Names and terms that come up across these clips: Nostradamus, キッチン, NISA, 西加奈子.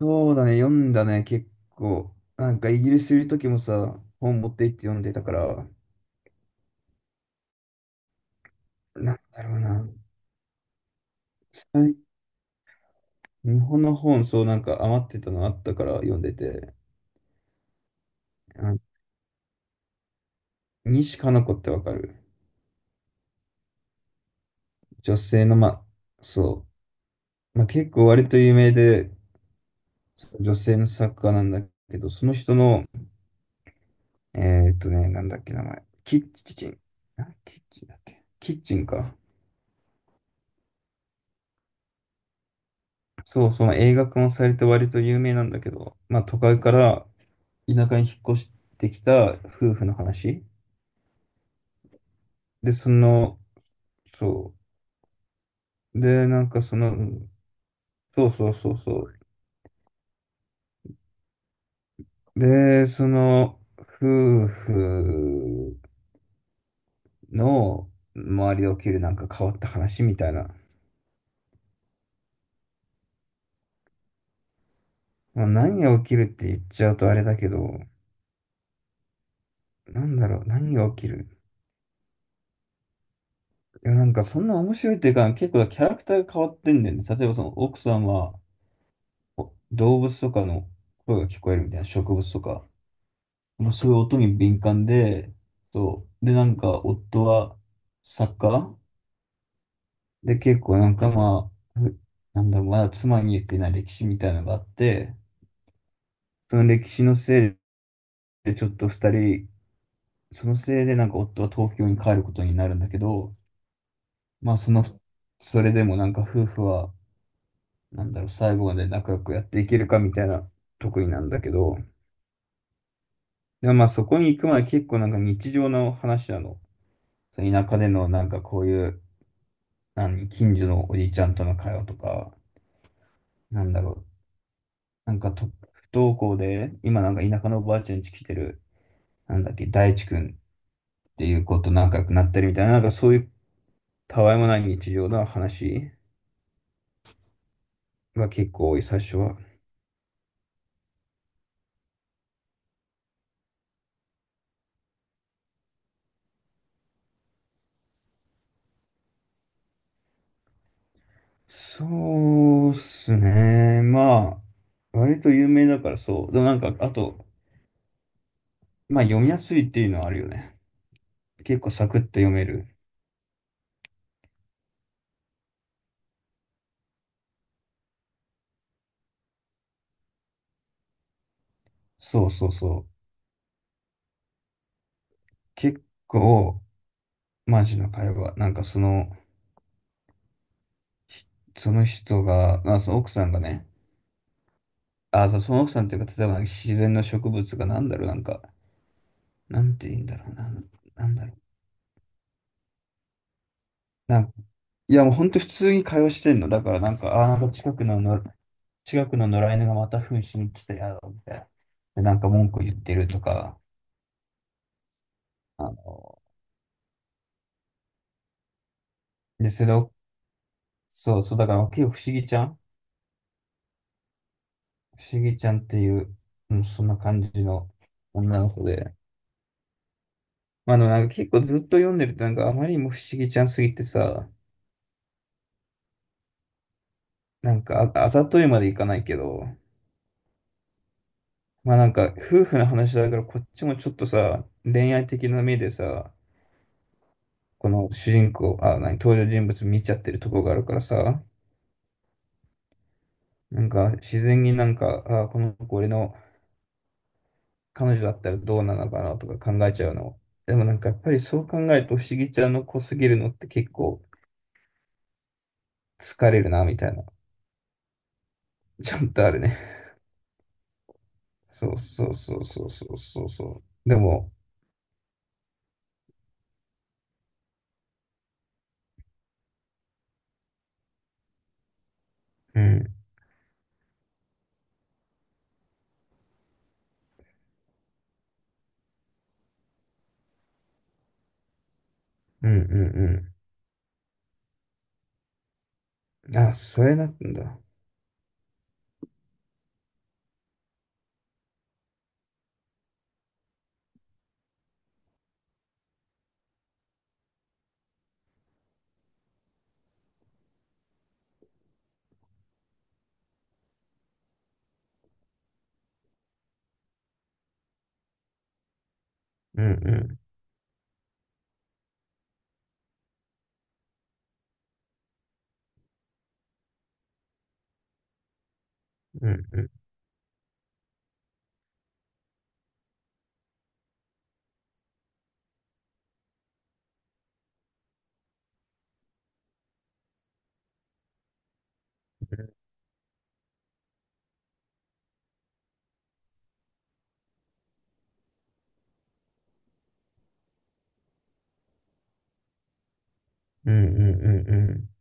そうだね、読んだね、結構。なんかイギリスいる時もさ、本持って行って読んでたから、なんだろうな。最日本の本、そうなんか余ってたのあったから読んでて。あ、西加奈子ってわかる？女性の、まあ、そう。まあ、結構割と有名で、女性の作家なんだけど、その人の、えなんだっけ名前。キッチン。あ、キッチンだっけ、キッチンか。そう、その映画化もされて割と有名なんだけど、まあ都会から田舎に引っ越してきた夫婦の話。で、その、そう。で、なんかその、そうそうそうそう。で、その、夫婦の周りで起きるなんか変わった話みたいな。まあ、何が起きるって言っちゃうとあれだけど、なんだろう、何が起きる、いや、なんかそんな面白いっていうか、結構キャラクターが変わってんだよね。例えばその奥さんはお動物とかの声が聞こえるみたいな、植物とか。もうそういう音に敏感で、そう。で、なんか、夫は作家で、結構なんかまあ、なんだろう、まだ妻に言ってない歴史みたいなのがあって、その歴史のせいでちょっと二人、そのせいでなんか夫は東京に帰ることになるんだけど、まあその、それでもなんか夫婦は、なんだろう、最後まで仲良くやっていけるかみたいなとこになんだけど、でもまあそこに行くまで結構なんか日常の話なの。田舎でのなんかこういう、何、近所のおじちゃんとの会話とか、なんだろう、なんかと不登校で、今なんか田舎のおばあちゃん家来てる、なんだっけ、大地君っていう子と仲良くなったりみたいな、なんかそういうたわいもない日常の話が結構多い、最初は。そうっすね。まあ、割と有名だからそう。でもなんか、あと、まあ読みやすいっていうのはあるよね。結構サクッと読める。そうそうそう。結構、マジの会話。なんかその、その人が、まあ、その奥さんがね、あ、そうその奥さんっていうか、例えばなんか自然の植物がなんだろう、なんか、なんて言うんだろうな、なんだろう。なんか、いや、もう本当普通に会話してんの。だからなんか、あ、なんか近くのの、近くの野良犬がまた糞しに来たやろ、みたいな。で、なんか文句言ってるとか、あの、で、それを、そうそう、だから結構不思議ちゃんっていう、うん、そんな感じの女の子で。まあでもなんか結構ずっと読んでるとなんかあまりにも不思議ちゃんすぎてさ、なんか、あ、あざといまでいかないけど、まあなんか、夫婦の話だからこっちもちょっとさ、恋愛的な目でさ、この主人公、あ、何、登場人物見ちゃってるとこがあるからさ、なんか自然になんか、あ、この子俺の彼女だったらどうなのかなとか考えちゃうの。でもなんかやっぱりそう考えると不思議ちゃんの子すぎるのって結構疲れるなみたいな、ちゃんとあるね。そうそうそうそうそうそうそう。でも、うん、うんうんうん。あ、それなんだ。うんうんうんうんうんうんうんうん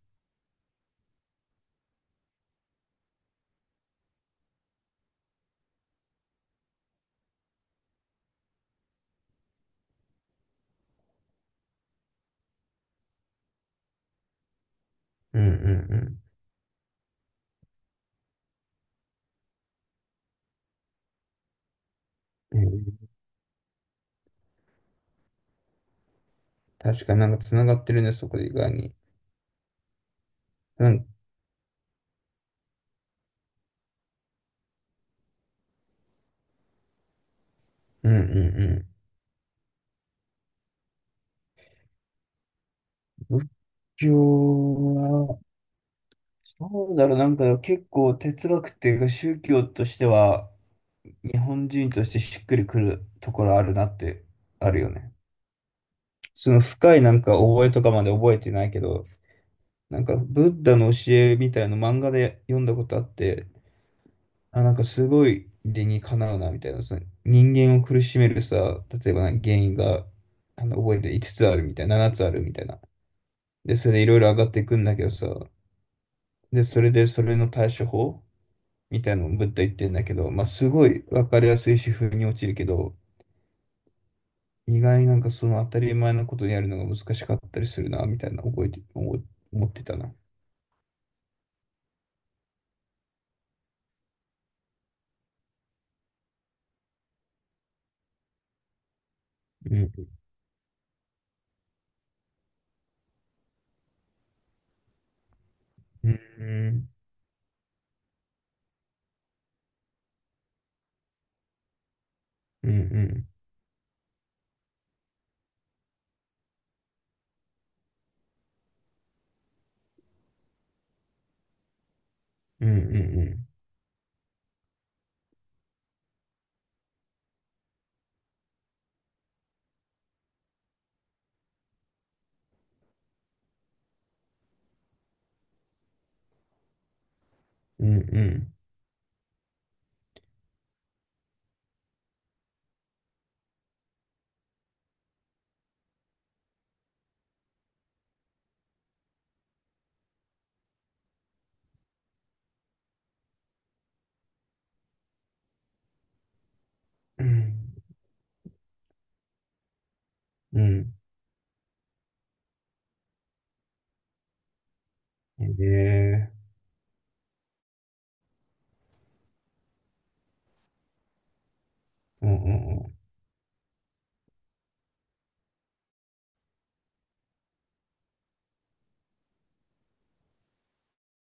うんうんうんうん。確かになんかつながってるね、そこで意外に。うん、うんうんうん。仏教は、そうだろう、なんか結構哲学っていうか宗教としては、日本人としてしっくりくるところあるなって、あるよね。その深いなんか覚えとかまで覚えてないけど、なんかブッダの教えみたいな漫画で読んだことあって、あ、なんかすごいでにかなうなみたいなさ、人間を苦しめるさ、例えばな、原因があの覚えて五つあるみたいな、七つあるみたいな、でそれでいろいろ上がっていくんだけどさ、でそれでそれの対処法みたいのぶっ飛んでいってるんだけど、まあすごいわかりやすい主婦に落ちるけど、意外なんかその当たり前のことやるのが難しかったりするなみたいな、覚えてお思ってたな。うんうんうんうんうんうんうんうんうんね。うんうんうん。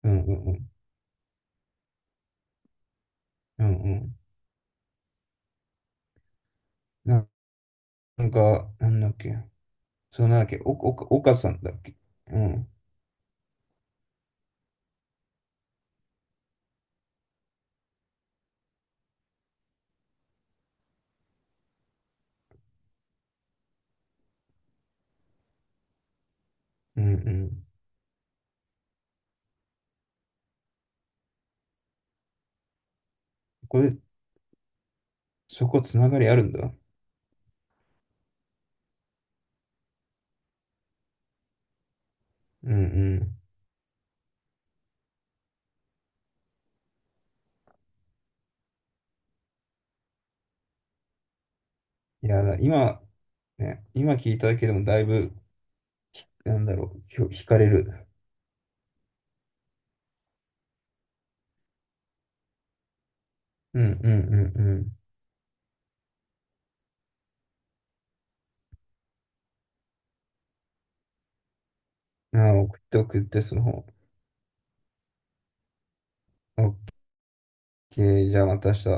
うんうんうん。うん、ななんか、なんだっけ。そう、なんだっけ。岡さんだっけ。うん。うんうん。これ、そこつながりあるんだ。うんうん。いや、だ今、ね、今聞いただけでもだいぶ、なんだろう、惹かれる。うんうんうんうん。あ、送って送って、その方。オッケー、じゃあまた明日。